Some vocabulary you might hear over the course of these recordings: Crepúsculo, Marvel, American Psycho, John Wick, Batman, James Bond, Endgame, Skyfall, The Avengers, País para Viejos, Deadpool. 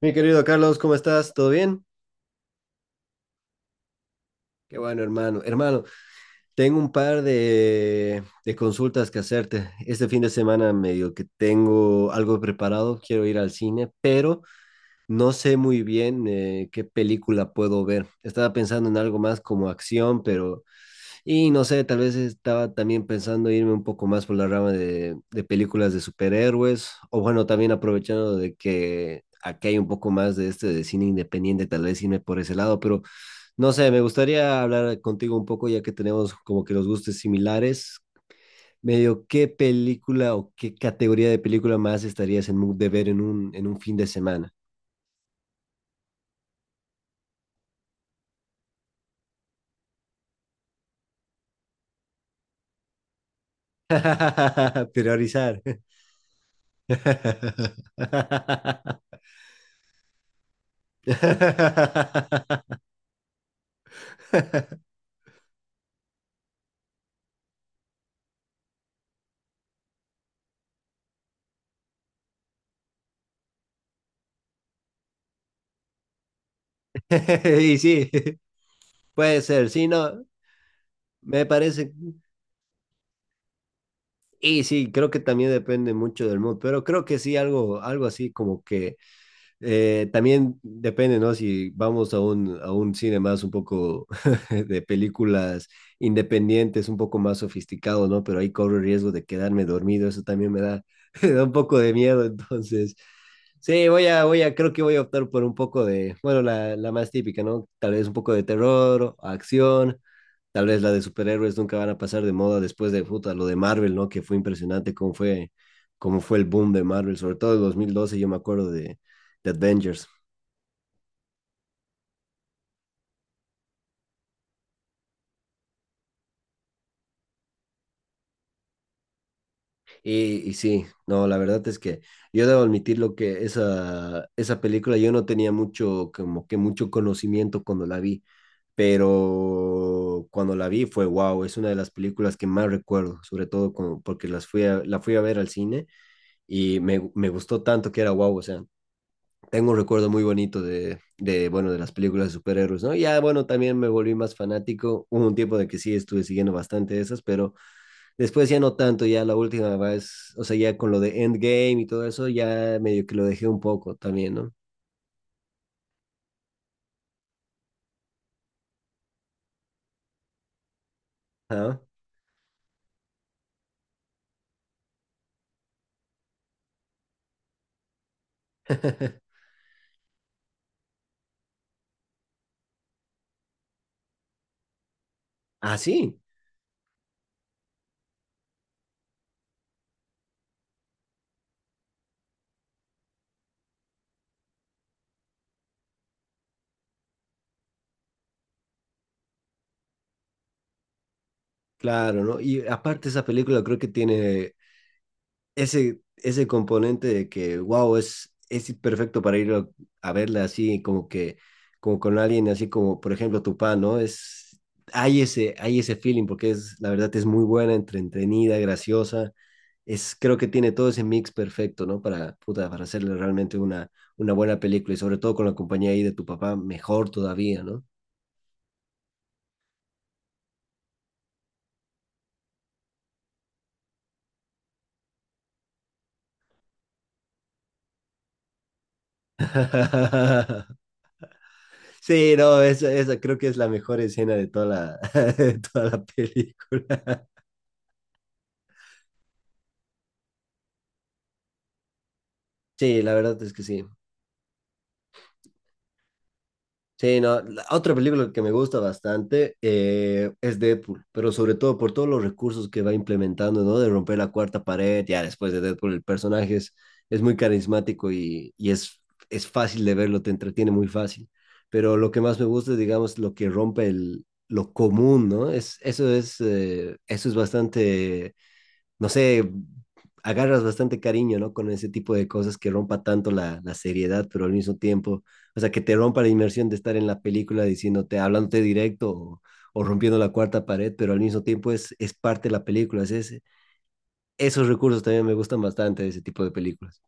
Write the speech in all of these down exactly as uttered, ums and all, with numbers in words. Mi querido Carlos, ¿cómo estás? ¿Todo bien? Qué bueno, hermano. Hermano, tengo un par de, de consultas que hacerte. Este fin de semana medio que tengo algo preparado, quiero ir al cine, pero no sé muy bien eh, qué película puedo ver. Estaba pensando en algo más como acción, pero... ...y no sé, tal vez estaba también pensando irme un poco más por la rama de, de películas de superhéroes, o bueno, también aprovechando de que... aquí hay un poco más de este de cine independiente, tal vez irme por ese lado, pero no sé, me gustaría hablar contigo un poco, ya que tenemos como que los gustos similares. Medio, ¿qué película o qué categoría de película más estarías en mood de ver en un, en un fin de semana? Priorizar. Y sí, puede ser, sí, no, me parece. Y sí, creo que también depende mucho del mood, pero creo que sí, algo, algo así como que Eh, también depende, ¿no? Si vamos a un, a un cine más un poco de películas independientes, un poco más sofisticado, ¿no? Pero ahí corro el riesgo de quedarme dormido, eso también me da, me da un poco de miedo, entonces... Sí, voy a, voy a, creo que voy a optar por un poco de, bueno, la, la más típica, ¿no? Tal vez un poco de terror, acción, tal vez la de superhéroes nunca van a pasar de moda después de puta, lo de Marvel, ¿no? Que fue impresionante cómo fue, cómo fue el boom de Marvel, sobre todo en dos mil doce yo me acuerdo de The Avengers. Y, y, sí, no, la verdad es que yo debo admitir lo que esa, esa película yo no tenía mucho, como que mucho conocimiento cuando la vi, pero cuando la vi fue wow, es una de las películas que más recuerdo, sobre todo como porque las fui a, la fui a ver al cine y me, me gustó tanto que era wow, o sea, tengo un recuerdo muy bonito de, de, bueno, de las películas de superhéroes, ¿no? Ya, bueno, también me volví más fanático, hubo un tiempo de que sí estuve siguiendo bastante esas, pero después ya no tanto, ya la última vez, o sea, ya con lo de Endgame y todo eso, ya medio que lo dejé un poco también, ¿no? Ah. Ah, sí, claro, ¿no? Y aparte esa película creo que tiene ese, ese componente de que, wow, es, es perfecto para ir a, a verla así, como que, como con alguien así como, por ejemplo, Tupá, ¿no? Es, hay ese, hay ese feeling porque es, la verdad, es muy buena, entre- entretenida, graciosa es, creo que tiene todo ese mix perfecto, ¿no? Para, puta, para hacerle realmente una, una buena película y sobre todo con la compañía ahí de tu papá, mejor todavía, ¿no? Sí, no, esa, esa creo que es la mejor escena de toda la, de toda la película. Sí, la verdad es que sí. Sí, no, la otra película que me gusta bastante eh, es Deadpool, pero sobre todo por todos los recursos que va implementando, ¿no? De romper la cuarta pared, ya después de Deadpool el personaje es, es muy carismático y, y es, es fácil de verlo, te entretiene muy fácil. Pero lo que más me gusta es, digamos, lo que rompe el, lo común, ¿no? Es, eso es, eh, eso es bastante no sé, agarras bastante cariño, ¿no? Con ese tipo de cosas que rompa tanto la, la seriedad, pero al mismo tiempo, o sea, que te rompa la inmersión de estar en la película diciéndote, hablándote directo o, o rompiendo la cuarta pared, pero al mismo tiempo es, es parte de la película. Es, ese, esos recursos también me gustan bastante de ese tipo de películas.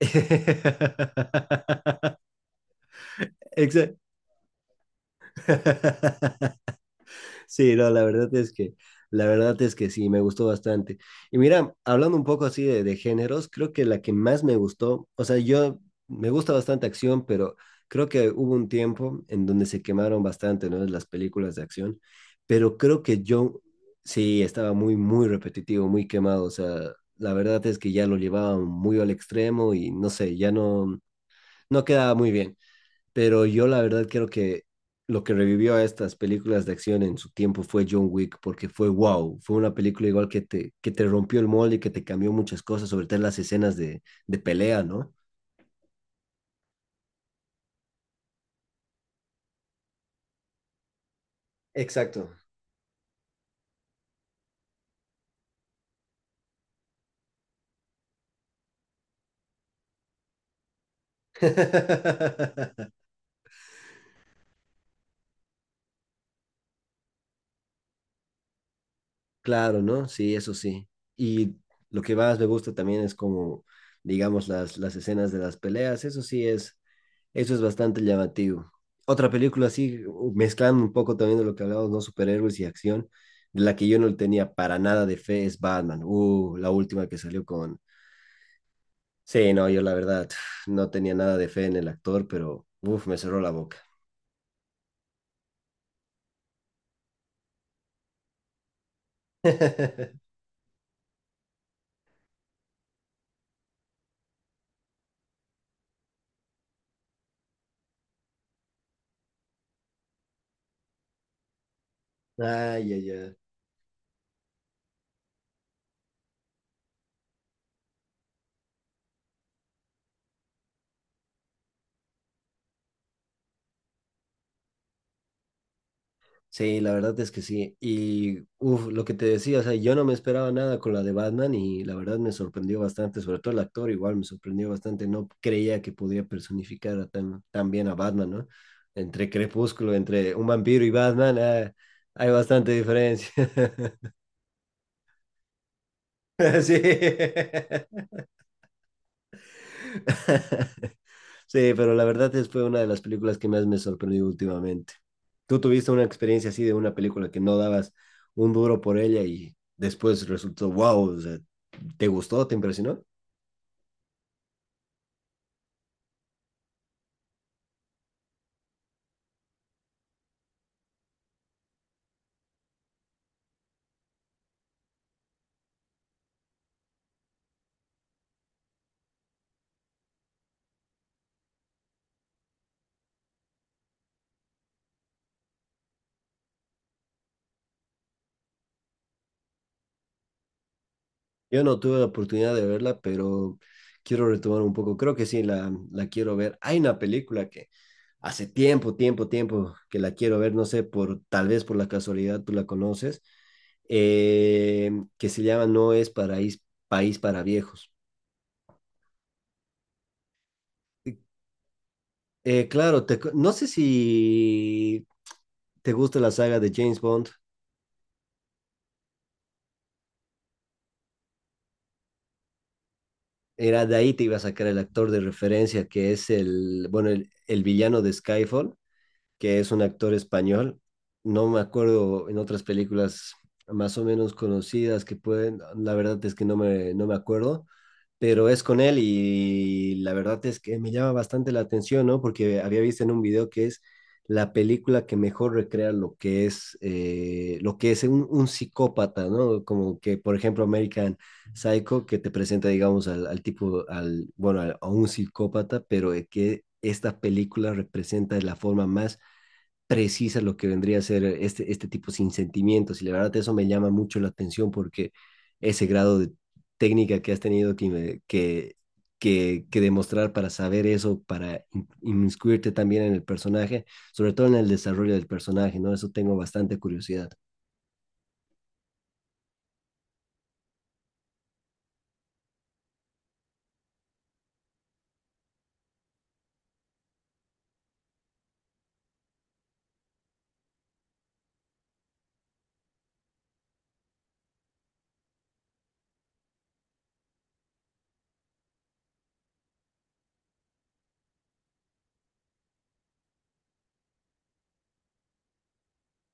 Exacto. Sí, no, la verdad es que, la verdad es que sí, me gustó bastante. Y mira, hablando un poco así de, de géneros, creo que la que más me gustó, o sea, yo me gusta bastante acción, pero creo que hubo un tiempo en donde se quemaron bastante, ¿no? Las películas de acción, pero creo que yo sí estaba muy, muy repetitivo, muy quemado, o sea, la verdad es que ya lo llevaban muy al extremo y no sé, ya no, no quedaba muy bien, pero yo la verdad creo que lo que revivió a estas películas de acción en su tiempo fue John Wick, porque fue wow, fue una película igual que te, que te rompió el molde y que te cambió muchas cosas, sobre todo en las escenas de, de pelea, ¿no? Exacto. Claro, ¿no? Sí, eso sí. Y lo que más me gusta también es como, digamos, las, las escenas de las peleas, eso sí es, eso es bastante llamativo. Otra película así, mezclando un poco también de lo que hablábamos, ¿no? Superhéroes y acción, de la que yo no tenía para nada de fe es Batman. Uh, la última que salió con... Sí, no, yo la verdad no tenía nada de fe en el actor, pero uf, me cerró la boca. Ay, ay, ay. Sí, la verdad es que sí. Y uf, lo que te decía, o sea, yo no me esperaba nada con la de Batman y la verdad me sorprendió bastante, sobre todo el actor igual me sorprendió bastante, no creía que podía personificar a tan, tan bien a Batman, ¿no? Entre Crepúsculo, entre un vampiro y Batman, ah, hay bastante diferencia. Sí. Sí, pero la verdad es fue una de las películas que más me sorprendió últimamente. Tú tuviste una experiencia así de una película que no dabas un duro por ella y después resultó, wow, o sea, ¿te gustó? ¿Te impresionó? Yo no tuve la oportunidad de verla, pero quiero retomar un poco. Creo que sí, la, la quiero ver. Hay una película que hace tiempo, tiempo, tiempo que la quiero ver, no sé, por tal vez por la casualidad tú la conoces, eh, que se llama No es paraís, País para Viejos. Eh, claro, te cu- no sé si te gusta la saga de James Bond. Era de ahí te iba a sacar el actor de referencia que es el, bueno, el, el villano de Skyfall, que es un actor español. No me acuerdo en otras películas más o menos conocidas que pueden, la verdad es que no me, no me acuerdo, pero es con él y la verdad es que me llama bastante la atención, ¿no? Porque había visto en un video que es la película que mejor recrea lo que es, eh, lo que es un, un psicópata, ¿no? Como que, por ejemplo, American Psycho, que te presenta, digamos, al, al tipo, al, bueno, a, a un psicópata, pero eh, que esta película representa de la forma más precisa lo que vendría a ser este, este tipo sin sentimientos. Y la verdad eso me llama mucho la atención porque ese grado de técnica que has tenido que, me- que, que, que demostrar para saber eso, para in- inmiscuirte también en el personaje, sobre todo en el desarrollo del personaje, ¿no? Eso tengo bastante curiosidad.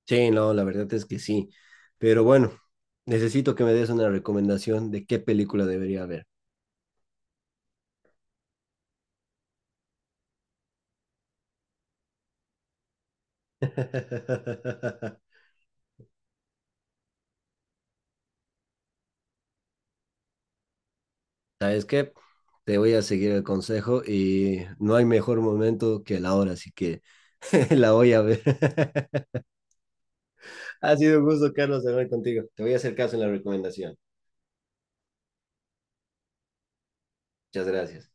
Sí, no, la verdad es que sí. Pero bueno, necesito que me des una recomendación de qué película debería ver. ¿Sabes qué? Te voy a seguir el consejo y no hay mejor momento que la hora, así que la voy a ver. Ha sido un gusto, Carlos, hablar contigo. Te voy a hacer caso en la recomendación. Muchas gracias.